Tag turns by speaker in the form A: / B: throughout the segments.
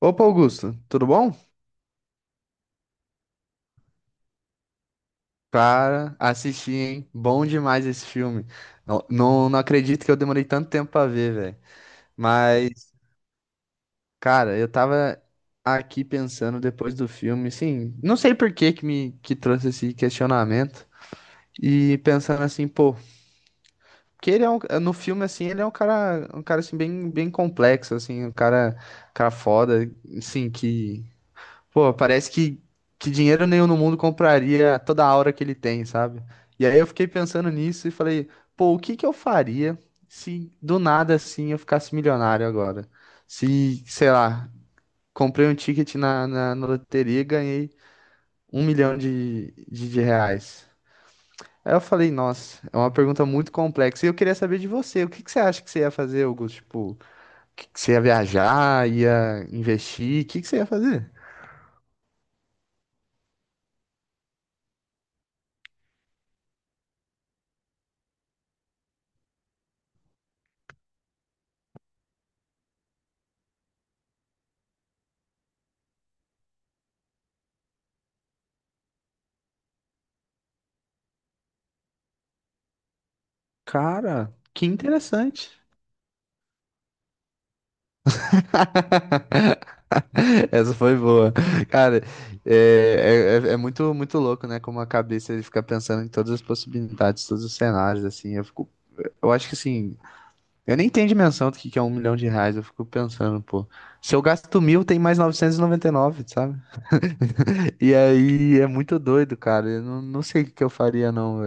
A: Opa, Augusto, tudo bom? Cara, assisti, hein? Bom demais esse filme. Não, não, não acredito que eu demorei tanto tempo pra ver, velho. Mas, cara, eu tava aqui pensando depois do filme, assim, não sei por que que me que trouxe esse questionamento e pensando assim, pô, que ele é um, no filme assim, ele é um cara assim bem, bem complexo, assim, um cara foda, assim, que pô, parece que dinheiro nenhum no mundo compraria toda a aura que ele tem, sabe? E aí eu fiquei pensando nisso e falei, pô, o que que eu faria se do nada assim eu ficasse milionário agora? Se, sei lá, comprei um ticket na loteria e ganhei um milhão de reais. Aí eu falei, nossa, é uma pergunta muito complexa. E eu queria saber de você, o que que você acha que você ia fazer, Augusto? Tipo, que você ia viajar, ia investir, o que que você ia fazer? Cara, que interessante. Essa foi boa. Cara, é muito, muito louco, né? Como a cabeça ele fica pensando em todas as possibilidades, todos os cenários, assim. Eu fico, eu acho que assim, eu nem tenho dimensão do que é um milhão de reais. Eu fico pensando, pô, se eu gasto mil, tem mais novecentos e noventa e nove, sabe? E aí é muito doido, cara. Eu não sei o que que eu faria, não,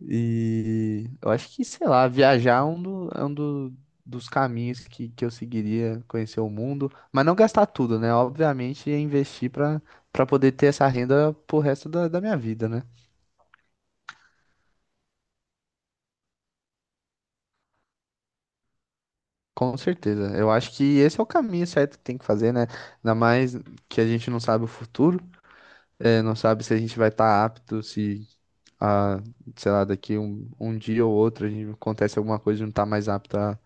A: e eu acho que, sei lá, viajar é um, dos caminhos que eu seguiria, conhecer o mundo, mas não gastar tudo, né? Obviamente, é investir para poder ter essa renda pro resto da minha vida, né? Com certeza. Eu acho que esse é o caminho certo que tem que fazer, né? Ainda mais que a gente não sabe o futuro, é, não sabe se a gente vai estar apto, se, a, sei lá, daqui um dia ou outro a gente acontece alguma coisa e não tá mais apto a,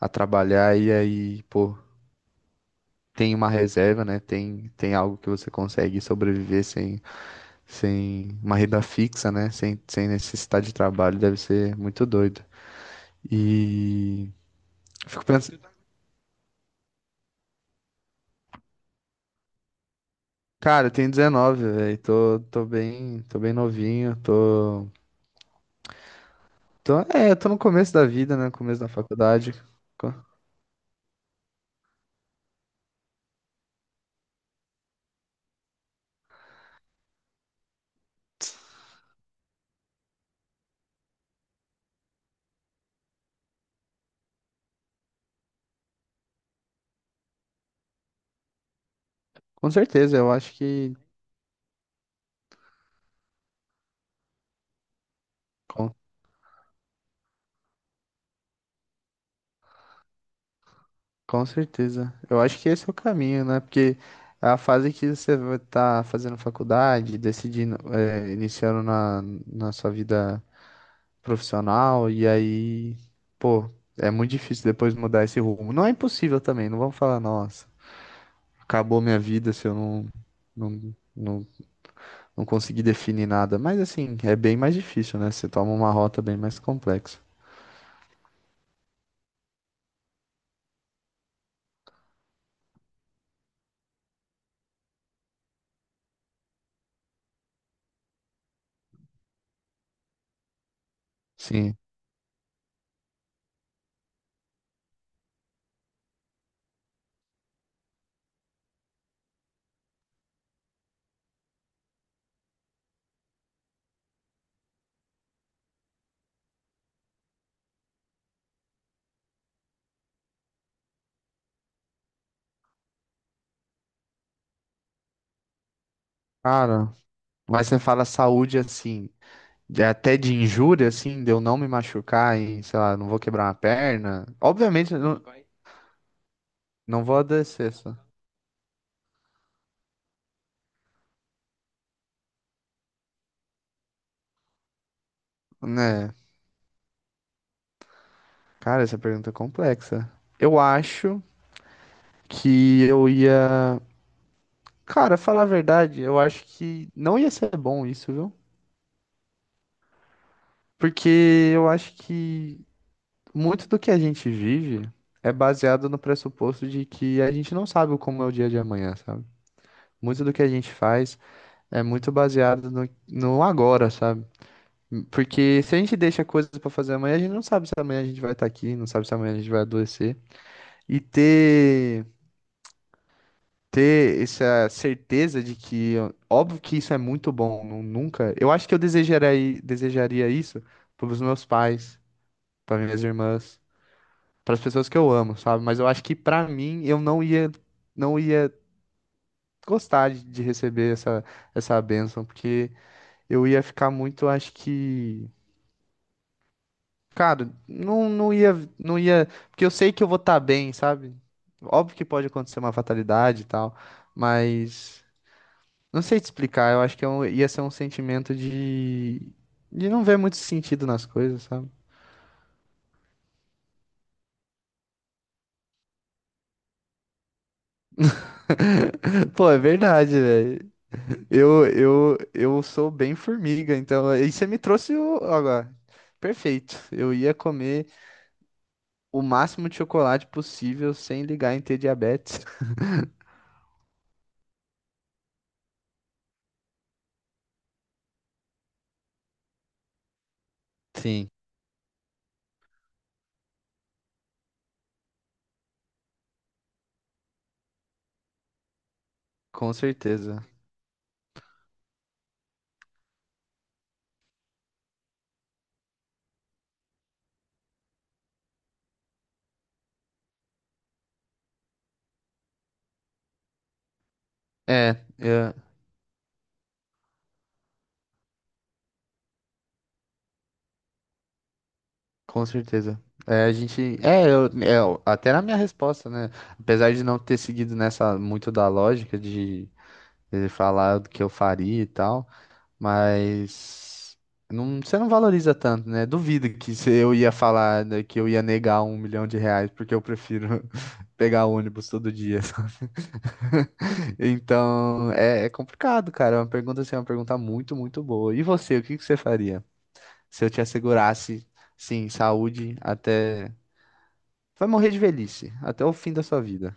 A: a trabalhar, e aí, pô. Tem uma reserva, né? Tem algo que você consegue sobreviver sem uma renda fixa, né? Sem necessidade de trabalho, deve ser muito doido. E fico pensando, cara, eu tenho 19, velho, tô bem, tô bem novinho, tô no começo da vida, né? Começo da faculdade. Com, com certeza, eu acho que com com certeza. Eu acho que esse é o caminho, né? Porque é a fase que você vai estar fazendo faculdade, decidindo, iniciando na sua vida profissional, e aí, pô, é muito difícil depois mudar esse rumo. Não é impossível também, não vamos falar, nossa, acabou minha vida se eu não, não, não conseguir definir nada. Mas assim, é bem mais difícil, né? Você toma uma rota bem mais complexa. Sim. Cara, mas você fala saúde assim. Até de injúria, assim, de eu não me machucar e, sei lá, não vou quebrar uma perna. Obviamente, eu não vou ADC, só. Né? Cara, essa pergunta é complexa. Eu acho que eu ia. Cara, falar a verdade, eu acho que não ia ser bom isso, viu? Porque eu acho que muito do que a gente vive é baseado no pressuposto de que a gente não sabe como é o dia de amanhã, sabe? Muito do que a gente faz é muito baseado no agora, sabe? Porque se a gente deixa coisas pra fazer amanhã, a gente não sabe se amanhã a gente vai estar aqui, não sabe se amanhã a gente vai adoecer. E ter essa certeza de que, ó, óbvio que isso é muito bom, nunca. Eu acho que eu desejaria isso pros meus pais, para minhas irmãs, para as pessoas que eu amo, sabe? Mas eu acho que pra mim eu não ia gostar de receber essa bênção, porque eu ia ficar muito, acho que, cara, não ia, porque eu sei que eu vou estar bem, sabe? Óbvio que pode acontecer uma fatalidade e tal, mas não sei te explicar, eu acho que ia ser um sentimento de não ver muito sentido nas coisas, sabe? Pô, é verdade, velho. Eu sou bem formiga, então aí você me trouxe o agora. Perfeito. Eu ia comer o máximo de chocolate possível sem ligar em ter diabetes. Sim, com certeza. É, é, Com certeza. É, a gente. Até na minha resposta, né? Apesar de não ter seguido nessa muito da lógica de falar do que eu faria e tal, mas não, você não valoriza tanto, né? Duvido que se eu ia falar né, que eu ia negar um milhão de reais, porque eu prefiro pegar ônibus todo dia. Sabe? Então, é complicado, cara. É uma pergunta assim, é uma pergunta muito, muito boa. E você, o que que você faria se eu te assegurasse, sim, saúde até. Vai morrer de velhice, até o fim da sua vida.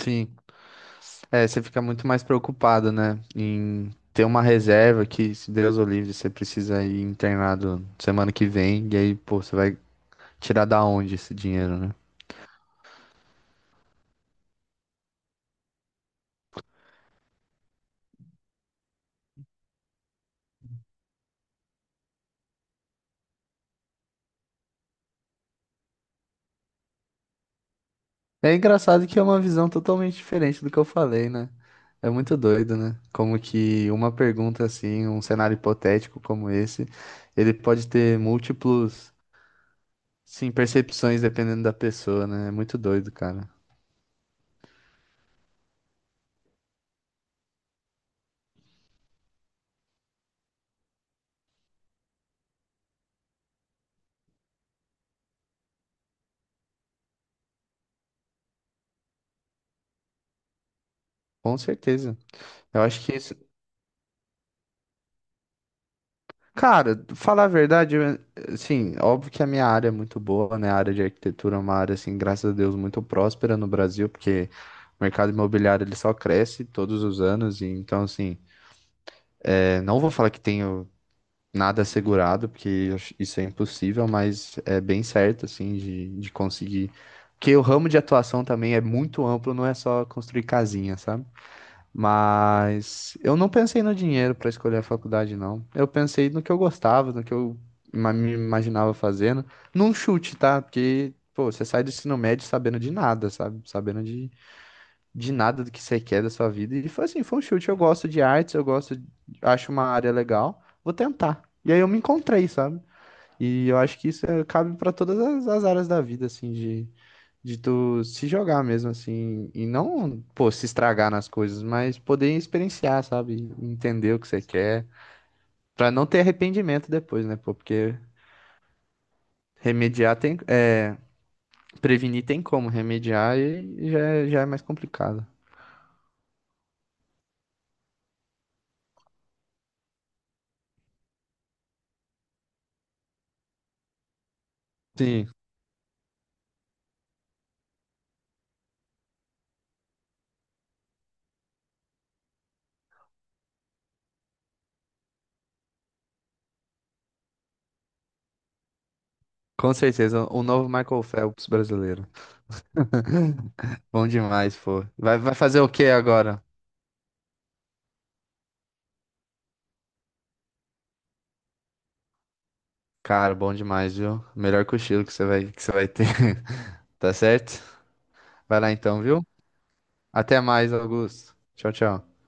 A: Sim. É, você fica muito mais preocupado, né? Em ter uma reserva que, se Deus o livre, você precisa ir internado semana que vem. E aí, pô, você vai tirar da onde esse dinheiro, né? É engraçado que é uma visão totalmente diferente do que eu falei, né? É muito doido, né? Como que uma pergunta assim, um cenário hipotético como esse, ele pode ter múltiplos, sim, percepções dependendo da pessoa, né? É muito doido, cara. Com certeza. Eu acho que isso. Cara, falar a verdade, assim, óbvio que a minha área é muito boa, né? A área de arquitetura é uma área, assim, graças a Deus, muito próspera no Brasil, porque o mercado imobiliário ele só cresce todos os anos, e então, assim, não vou falar que tenho nada assegurado, porque isso é impossível, mas é bem certo, assim, de conseguir. Porque o ramo de atuação também é muito amplo, não é só construir casinha, sabe? Mas eu não pensei no dinheiro para escolher a faculdade, não. Eu pensei no que eu gostava, no que eu me imaginava fazendo. Num chute, tá? Porque, pô, você sai do ensino médio sabendo de nada, sabe? Sabendo de nada do que você quer da sua vida. E foi assim, foi um chute. Eu gosto de artes, eu gosto, acho uma área legal, vou tentar. E aí eu me encontrei, sabe? E eu acho que isso cabe para todas as áreas da vida, assim, de tu se jogar mesmo, assim, e não, pô, se estragar nas coisas, mas poder experienciar, sabe? Entender o que você quer, pra não ter arrependimento depois, né, pô? Porque remediar tem, prevenir tem como, remediar e já, já é mais complicado. Sim, com certeza, o novo Michael Phelps brasileiro. Bom demais, pô. Vai fazer o que agora? Cara, bom demais, viu? Melhor cochilo que você vai ter, tá certo? Vai lá então, viu? Até mais, Augusto. Tchau, tchau.